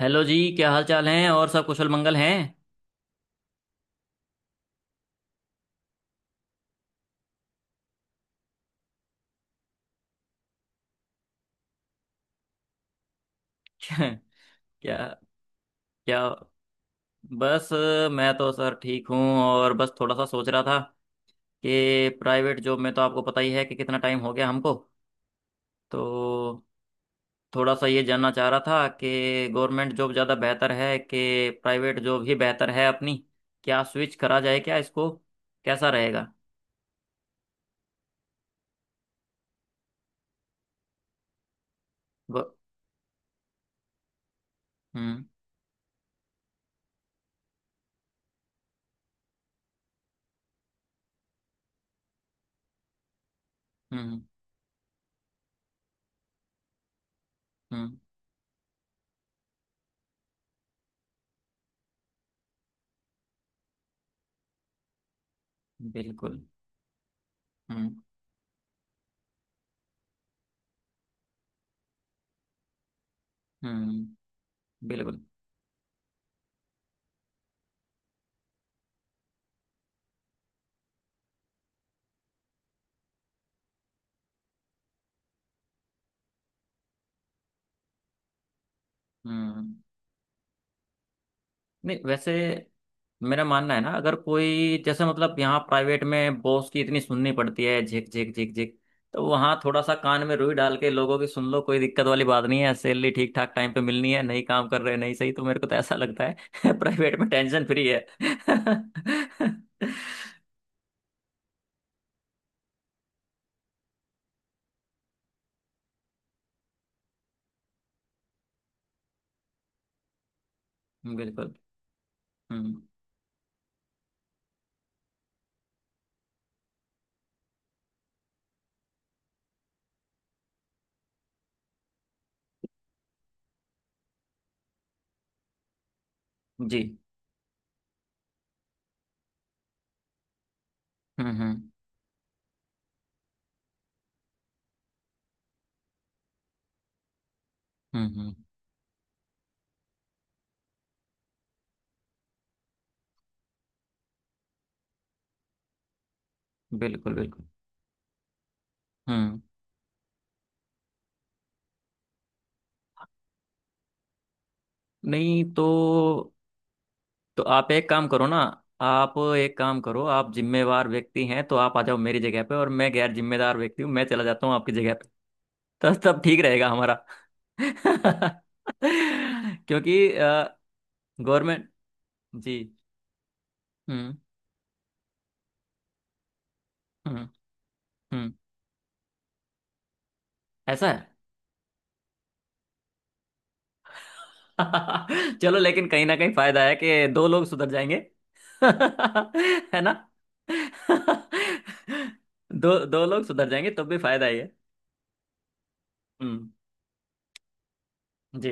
Hello जी, क्या हाल चाल हैं? और सब कुशल मंगल हैं? क्या? क्या? क्या? बस मैं तो सर ठीक हूँ। और बस थोड़ा सा सोच रहा था कि प्राइवेट जॉब में तो आपको पता ही है कि कितना टाइम हो गया हमको। तो थोड़ा सा ये जानना चाह रहा था कि गवर्नमेंट जॉब ज़्यादा बेहतर है कि प्राइवेट जॉब ही बेहतर है अपनी। क्या स्विच करा जाए क्या इसको? कैसा रहेगा? ग- हम्म। हम्म। हम्म। बिल्कुल। हम्म। हम्म। बिल्कुल। हम्म। नहीं, वैसे मेरा मानना है ना, अगर कोई जैसे मतलब यहाँ प्राइवेट में बॉस की इतनी सुननी पड़ती है, झिक झिक झिक झिक। तो वहाँ थोड़ा सा कान में रुई डाल के लोगों की सुन लो, कोई दिक्कत वाली बात नहीं है। सैलरी ठीक ठाक टाइम पे मिलनी है, नहीं काम कर रहे नहीं सही, तो मेरे को तो ऐसा लगता है प्राइवेट में टेंशन फ्री है। बिल्कुल। हम्म। जी। हम्म। हम्म। हम्म। हम्म। बिल्कुल बिल्कुल। हम्म। नहीं। तो आप एक काम करो ना। आप एक काम करो, आप जिम्मेवार व्यक्ति हैं तो आप आ जाओ मेरी जगह पे और मैं गैर जिम्मेदार व्यक्ति हूँ, मैं चला जाता हूँ आपकी जगह पे। तो तब ठीक रहेगा हमारा। क्योंकि गवर्नमेंट। जी। हम्म। हम्म। हम्म। ऐसा है? चलो, लेकिन कहीं ना कहीं फायदा है कि दो लोग सुधर जाएंगे। है ना? दो दो लोग सुधर जाएंगे तब भी फायदा ही है। हम्म। जी।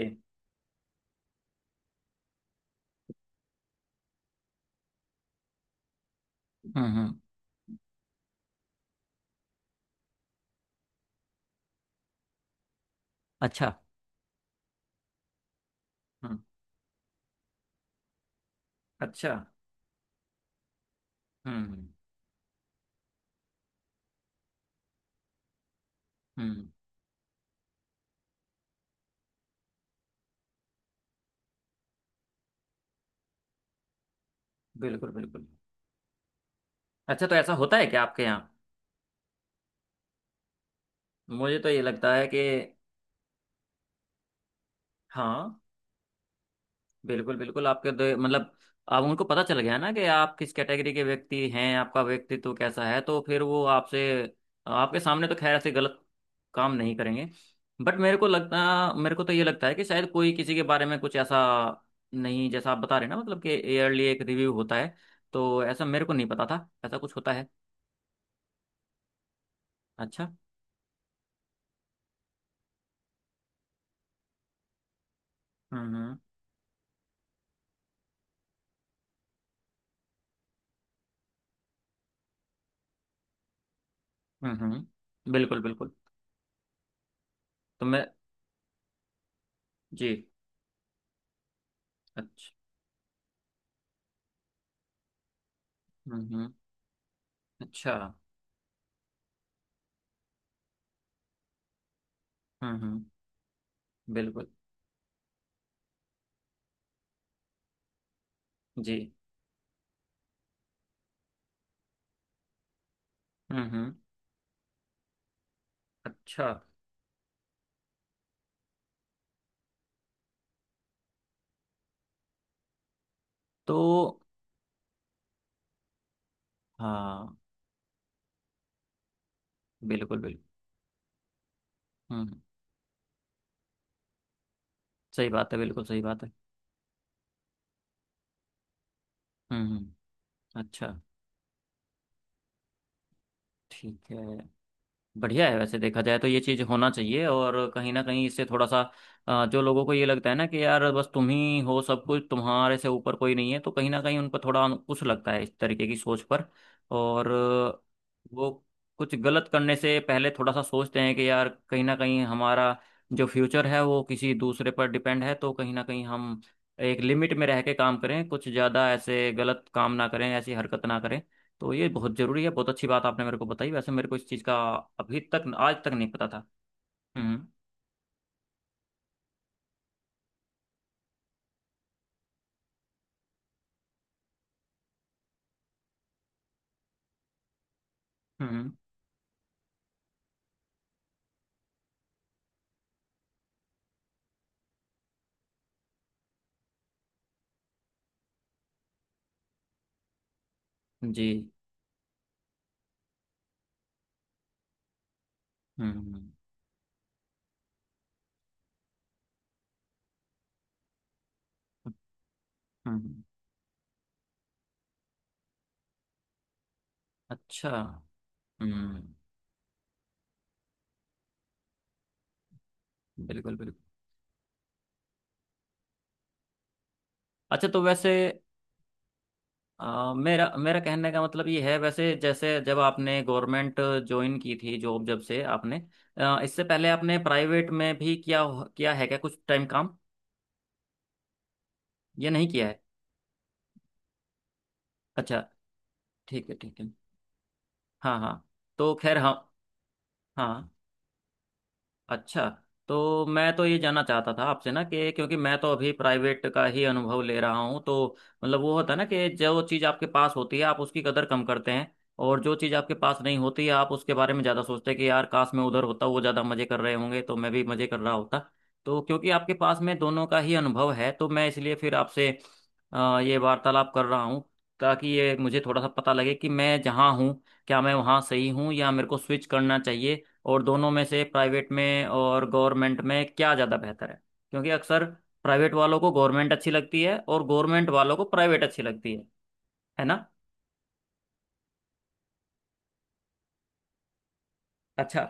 हम्म। हम्म। अच्छा। हम्म। अच्छा। हम्म। हम्म। बिल्कुल बिल्कुल। अच्छा, तो ऐसा होता है क्या आपके यहाँ? मुझे तो ये लगता है कि हाँ, बिल्कुल बिल्कुल। आपके दो मतलब, अब उनको पता चल गया ना कि आप किस कैटेगरी के व्यक्ति हैं, आपका व्यक्तित्व कैसा है, तो फिर वो आपसे आपके सामने तो खैर ऐसे गलत काम नहीं करेंगे। बट मेरे को तो ये लगता है कि शायद कोई किसी के बारे में कुछ ऐसा नहीं, जैसा आप बता रहे हैं ना, मतलब कि ईयरली एक रिव्यू होता है, तो ऐसा मेरे को नहीं पता था ऐसा कुछ होता है। अच्छा। हम्म। हम्म। हम्म। हम्म। बिल्कुल बिल्कुल। तो मैं। जी। अच्छा। हम्म हम्म, अच्छा। हम्म। हम्म। बिल्कुल। जी। हम्म। हम्म। अच्छा। तो हाँ, बिल्कुल बिल्कुल। हम्म। सही बात है, बिल्कुल सही बात है। हम्म हम्म, अच्छा। ठीक है। बढ़िया है, वैसे देखा जाए तो ये चीज़ होना चाहिए, और कहीं ना कहीं इससे थोड़ा सा जो लोगों को ये लगता है ना कि यार बस तुम ही हो सब कुछ, तुम्हारे से ऊपर कोई नहीं है, तो कहीं ना कहीं उन पर थोड़ा अंकुश लगता है इस तरीके की सोच पर। और वो कुछ गलत करने से पहले थोड़ा सा सोचते हैं कि यार कहीं ना कहीं हमारा जो फ्यूचर है वो किसी दूसरे पर डिपेंड है, तो कहीं ना कहीं हम एक लिमिट में रह के काम करें, कुछ ज़्यादा ऐसे गलत काम ना करें, ऐसी हरकत ना करें। तो ये बहुत जरूरी है, बहुत अच्छी बात आपने मेरे को बताई वैसे, मेरे को इस चीज़ का अभी तक आज तक नहीं पता था। हम्म। हम्म। जी। हम्म। हम्म। अच्छा। हम्म। बिल्कुल बिल्कुल। अच्छा, तो वैसे मेरा मेरा कहने का मतलब ये है, वैसे जैसे जब आपने गवर्नमेंट ज्वाइन की थी जॉब, जब से आपने इससे पहले आपने प्राइवेट में भी किया किया है क्या कुछ टाइम काम, या नहीं किया है? अच्छा। ठीक है, ठीक है। हाँ हाँ। तो खैर हाँ। हाँ। अच्छा। तो मैं तो ये जानना चाहता था आपसे ना, कि क्योंकि मैं तो अभी प्राइवेट का ही अनुभव ले रहा हूँ, तो मतलब वो होता है ना कि जो चीज़ आपके पास होती है आप उसकी कदर कम करते हैं, और जो चीज़ आपके पास नहीं होती है आप उसके बारे में ज़्यादा सोचते हैं कि यार काश मैं उधर होता, वो ज़्यादा मज़े कर रहे होंगे तो मैं भी मज़े कर रहा होता। तो क्योंकि आपके पास में दोनों का ही अनुभव है तो मैं इसलिए फिर आपसे ये वार्तालाप कर रहा हूँ, ताकि ये मुझे थोड़ा सा पता लगे कि मैं जहाँ हूँ, क्या मैं वहाँ सही हूँ या मेरे को स्विच करना चाहिए, और दोनों में से प्राइवेट में और गवर्नमेंट में क्या ज़्यादा बेहतर है। क्योंकि अक्सर प्राइवेट वालों को गवर्नमेंट अच्छी लगती है और गवर्नमेंट वालों को प्राइवेट अच्छी लगती है ना? अच्छा।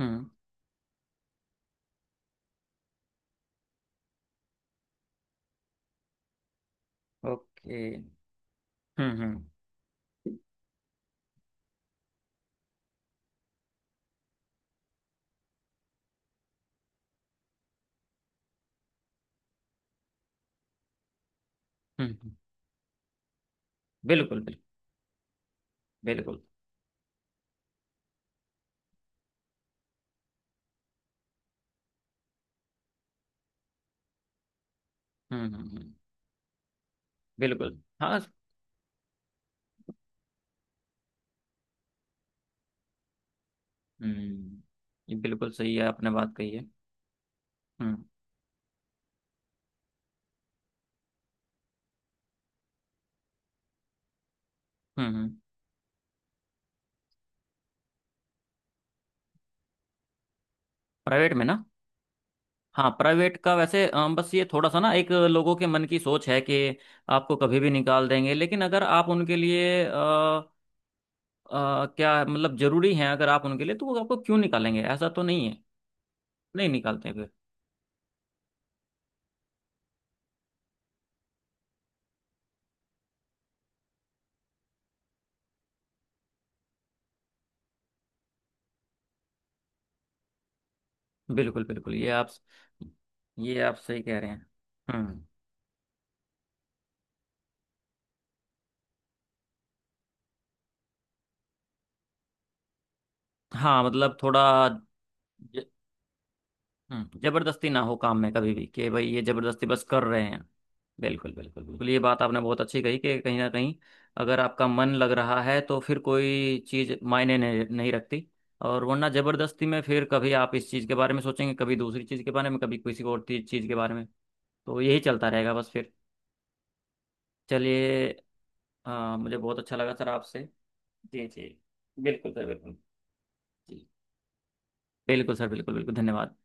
हम्म। ओके। हम्म। हम्म। हम्म। बिल्कुल बिल्कुल बिल्कुल। हम्म। बिल्कुल हाँ। हम्म। ये बिल्कुल सही है आपने बात कही है। हम्म। हम्म। हम्म। प्राइवेट में ना? हाँ। प्राइवेट का वैसे बस ये थोड़ा सा ना, एक लोगों के मन की सोच है कि आपको कभी भी निकाल देंगे, लेकिन अगर आप उनके लिए क्या मतलब जरूरी हैं, अगर आप उनके लिए, तो वो आपको क्यों निकालेंगे? ऐसा तो नहीं है। नहीं निकालते फिर। बिल्कुल बिल्कुल। ये आप सही कह रहे हैं। हम्म। हाँ मतलब थोड़ा ज- जबरदस्ती ना हो काम में कभी भी कि भाई ये जबरदस्ती बस कर रहे हैं। बिल्कुल बिल्कुल बिल्कुल, ये बात आपने बहुत अच्छी कही कि कहीं ना कहीं, अगर आपका मन लग रहा है तो फिर कोई चीज़ मायने नहीं रखती। और वरना जबरदस्ती में फिर कभी आप इस चीज़ के बारे में सोचेंगे, कभी दूसरी चीज़ के बारे में, कभी किसी और चीज़ के बारे में, तो यही चलता रहेगा बस फिर। चलिए, मुझे बहुत अच्छा लगा सर आपसे। जी जी, बिल्कुल सर बिल्कुल। जी, बिल्कुल सर, बिल्कुल बिल्कुल, धन्यवाद।